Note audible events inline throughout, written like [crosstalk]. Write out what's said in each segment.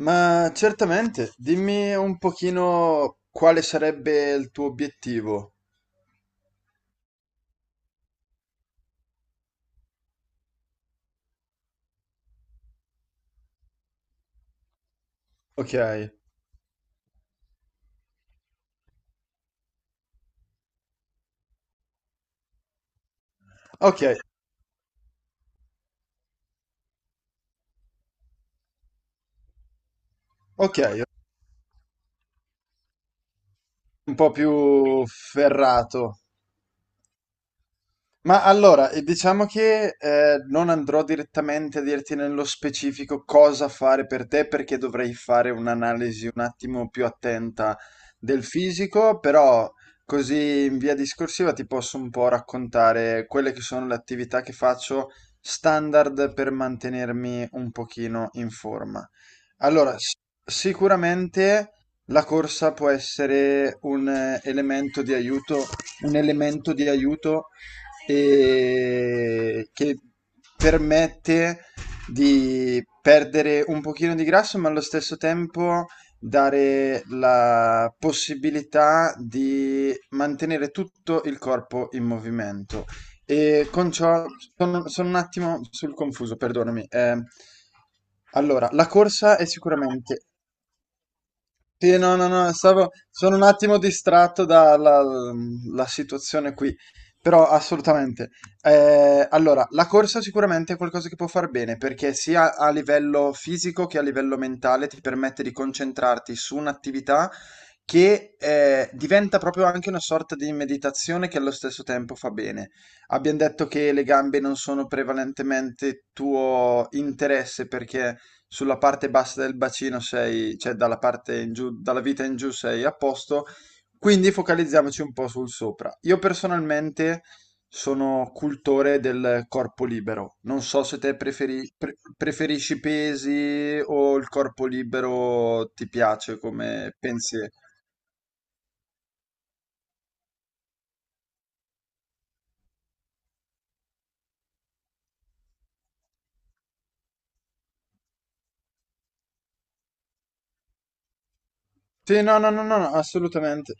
Ma certamente, dimmi un pochino quale sarebbe il tuo obiettivo. Ok, ok, ok, un po' più ferrato. Ma allora, diciamo che non andrò direttamente a dirti nello specifico cosa fare per te, perché dovrei fare un'analisi un attimo più attenta del fisico, però così in via discorsiva ti posso un po' raccontare quelle che sono le attività che faccio standard per mantenermi un pochino in forma. Allora, sicuramente la corsa può essere un elemento di aiuto, un elemento di aiuto che permette di perdere un pochino di grasso, ma allo stesso tempo dare la possibilità di mantenere tutto il corpo in movimento. E con ciò sono un attimo sul confuso, perdonami. Allora, la corsa è sicuramente sì, no, no, no, stavo, sono un attimo distratto dalla la situazione qui, però assolutamente. Allora, la corsa sicuramente è qualcosa che può far bene, perché sia a livello fisico che a livello mentale ti permette di concentrarti su un'attività che diventa proprio anche una sorta di meditazione che allo stesso tempo fa bene. Abbiamo detto che le gambe non sono prevalentemente tuo interesse perché sulla parte bassa del bacino sei, cioè dalla parte in giù, dalla vita in giù sei a posto, quindi focalizziamoci un po' sul sopra. Io personalmente sono cultore del corpo libero, non so se te preferisci i pesi o il corpo libero ti piace come pensiero. Sì, no, no, no, no, no, assolutamente.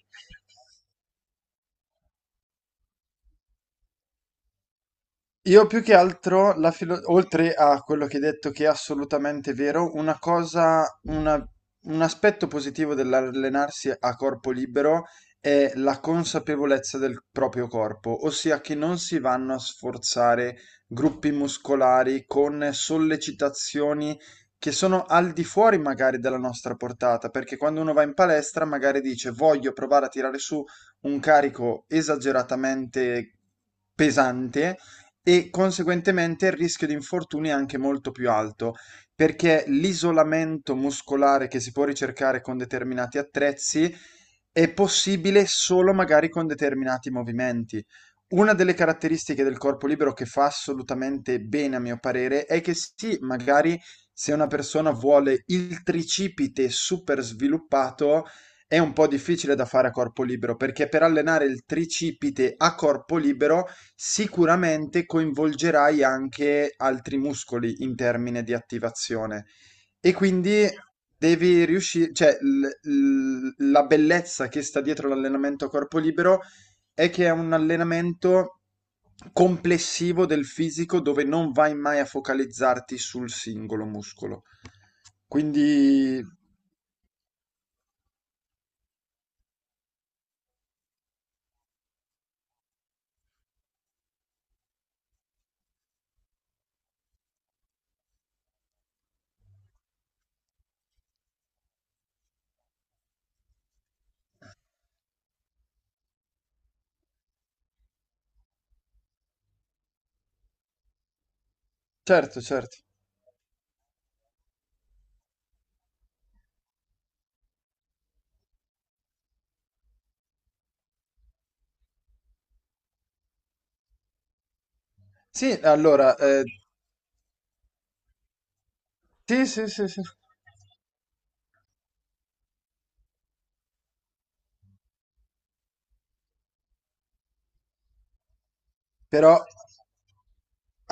Io più che altro, oltre a quello che hai detto che è assolutamente vero, un aspetto positivo dell'allenarsi a corpo libero è la consapevolezza del proprio corpo, ossia che non si vanno a sforzare gruppi muscolari con sollecitazioni che sono al di fuori magari della nostra portata, perché quando uno va in palestra magari dice voglio provare a tirare su un carico esageratamente pesante e conseguentemente il rischio di infortuni è anche molto più alto perché l'isolamento muscolare che si può ricercare con determinati attrezzi è possibile solo magari con determinati movimenti. Una delle caratteristiche del corpo libero che fa assolutamente bene, a mio parere, è che sì, magari se una persona vuole il tricipite super sviluppato, è un po' difficile da fare a corpo libero, perché per allenare il tricipite a corpo libero sicuramente coinvolgerai anche altri muscoli in termine di attivazione e quindi devi riuscire, cioè la bellezza che sta dietro l'allenamento a corpo libero è che è un allenamento complessivo del fisico dove non vai mai a focalizzarti sul singolo muscolo. Quindi, certo, certo. Sì, allora, sì, sì, sì, sì. Però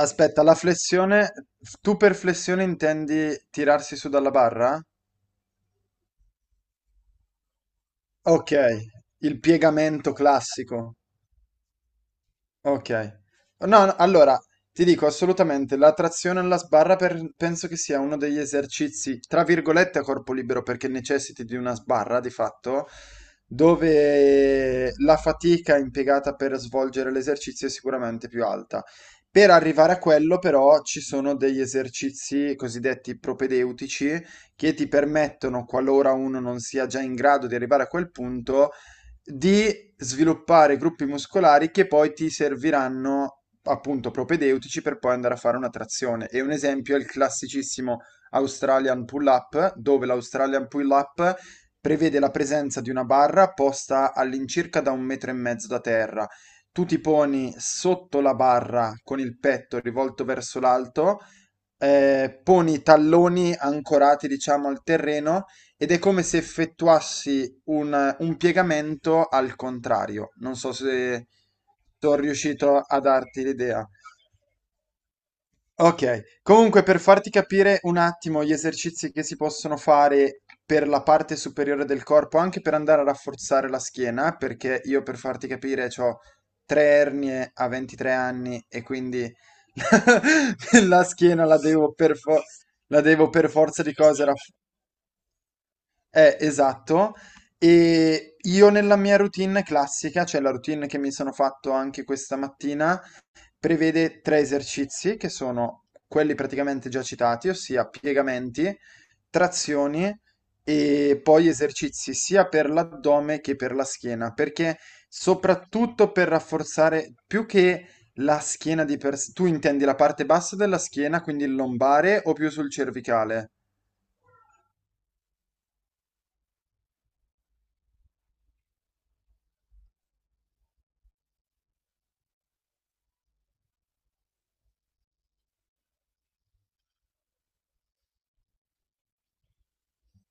aspetta, la flessione, tu per flessione intendi tirarsi su dalla barra? Ok, il piegamento classico. Ok. No, no, allora, ti dico assolutamente, la trazione alla sbarra penso che sia uno degli esercizi, tra virgolette, a corpo libero, perché necessiti di una sbarra, di fatto, dove la fatica impiegata per svolgere l'esercizio è sicuramente più alta. Per arrivare a quello, però, ci sono degli esercizi cosiddetti propedeutici che ti permettono, qualora uno non sia già in grado di arrivare a quel punto, di sviluppare gruppi muscolari che poi ti serviranno appunto propedeutici per poi andare a fare una trazione. E un esempio è il classicissimo Australian pull-up, dove l'Australian pull-up prevede la presenza di una barra posta all'incirca da un metro e mezzo da terra. Tu ti poni sotto la barra con il petto rivolto verso l'alto, poni i talloni ancorati, diciamo, al terreno ed è come se effettuassi un piegamento al contrario. Non so se sono riuscito a darti l'idea. Ok, comunque per farti capire un attimo gli esercizi che si possono fare per la parte superiore del corpo, anche per andare a rafforzare la schiena, perché io per farti capire ho 3 ernie a 23 anni e quindi [laughs] la schiena la devo per forza di cose eh, esatto. E io nella mia routine classica, cioè la routine che mi sono fatto anche questa mattina, prevede 3 esercizi che sono quelli praticamente già citati, ossia piegamenti, trazioni e poi esercizi sia per l'addome che per la schiena, perché soprattutto per rafforzare più che la schiena di per sé, tu intendi la parte bassa della schiena, quindi il lombare o più sul cervicale?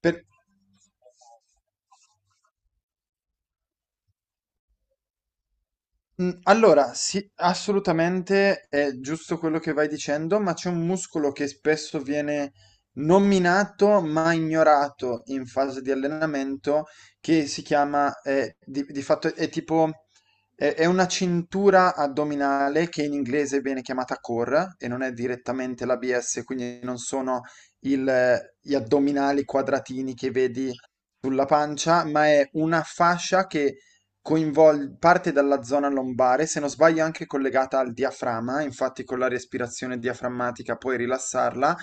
Per- allora sì, assolutamente è giusto quello che vai dicendo, ma c'è un muscolo che spesso viene nominato, ma ignorato in fase di allenamento che si chiama, di fatto è tipo è una cintura addominale che in inglese viene chiamata core e non è direttamente l'ABS, quindi non sono il gli addominali quadratini che vedi sulla pancia, ma è una fascia che parte dalla zona lombare, se non sbaglio anche collegata al diaframma, infatti con la respirazione diaframmatica puoi rilassarla,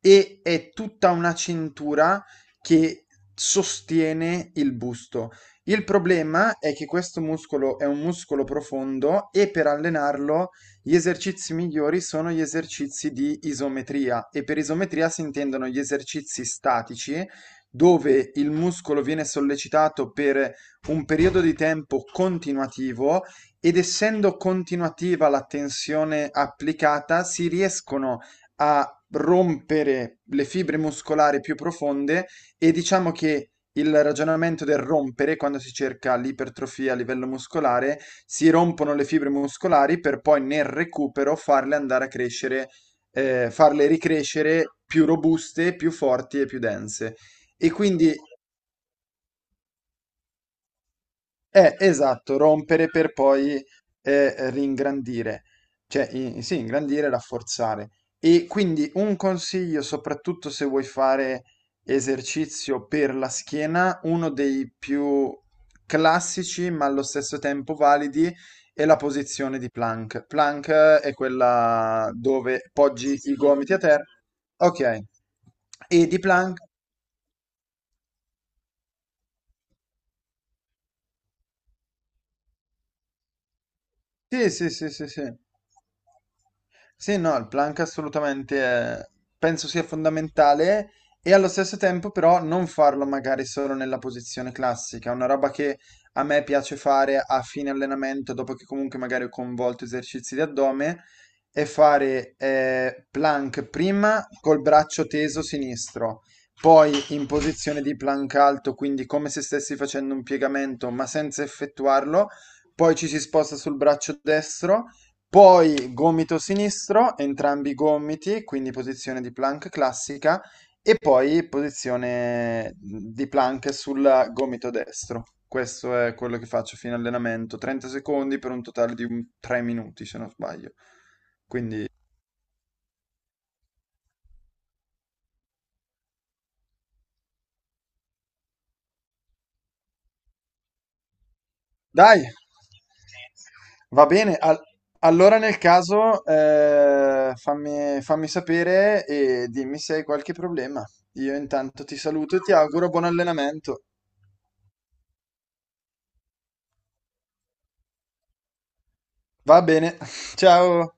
e è tutta una cintura che sostiene il busto. Il problema è che questo muscolo è un muscolo profondo e per allenarlo gli esercizi migliori sono gli esercizi di isometria e per isometria si intendono gli esercizi statici dove il muscolo viene sollecitato per un periodo di tempo continuativo ed essendo continuativa la tensione applicata, si riescono a rompere le fibre muscolari più profonde e diciamo che il ragionamento del rompere, quando si cerca l'ipertrofia a livello muscolare, si rompono le fibre muscolari per poi nel recupero farle andare a crescere, farle ricrescere più robuste, più forti e più dense. E quindi eh, esatto, rompere per poi ringrandire, sì, ingrandire, rafforzare. E quindi un consiglio, soprattutto se vuoi fare esercizio per la schiena, uno dei più classici ma allo stesso tempo validi è la posizione di plank. Plank è quella dove poggi i gomiti a terra. Ok. E di plank? Sì, sì, sì, sì, sì. Sì, no, il plank assolutamente eh, penso sia fondamentale e allo stesso tempo però non farlo magari solo nella posizione classica, una roba che a me piace fare a fine allenamento, dopo che comunque magari ho convolto esercizi di addome, è fare plank prima col braccio teso sinistro, poi in posizione di plank alto, quindi come se stessi facendo un piegamento ma senza effettuarlo, poi ci si sposta sul braccio destro poi gomito sinistro, entrambi i gomiti, quindi posizione di plank classica e poi posizione di plank sul gomito destro. Questo è quello che faccio fino all'allenamento, 30 secondi per un totale di 3 minuti se non sbaglio. Quindi dai, va bene. Allora nel caso fammi sapere e dimmi se hai qualche problema. Io intanto ti saluto e ti auguro buon allenamento. Va bene, [laughs] ciao!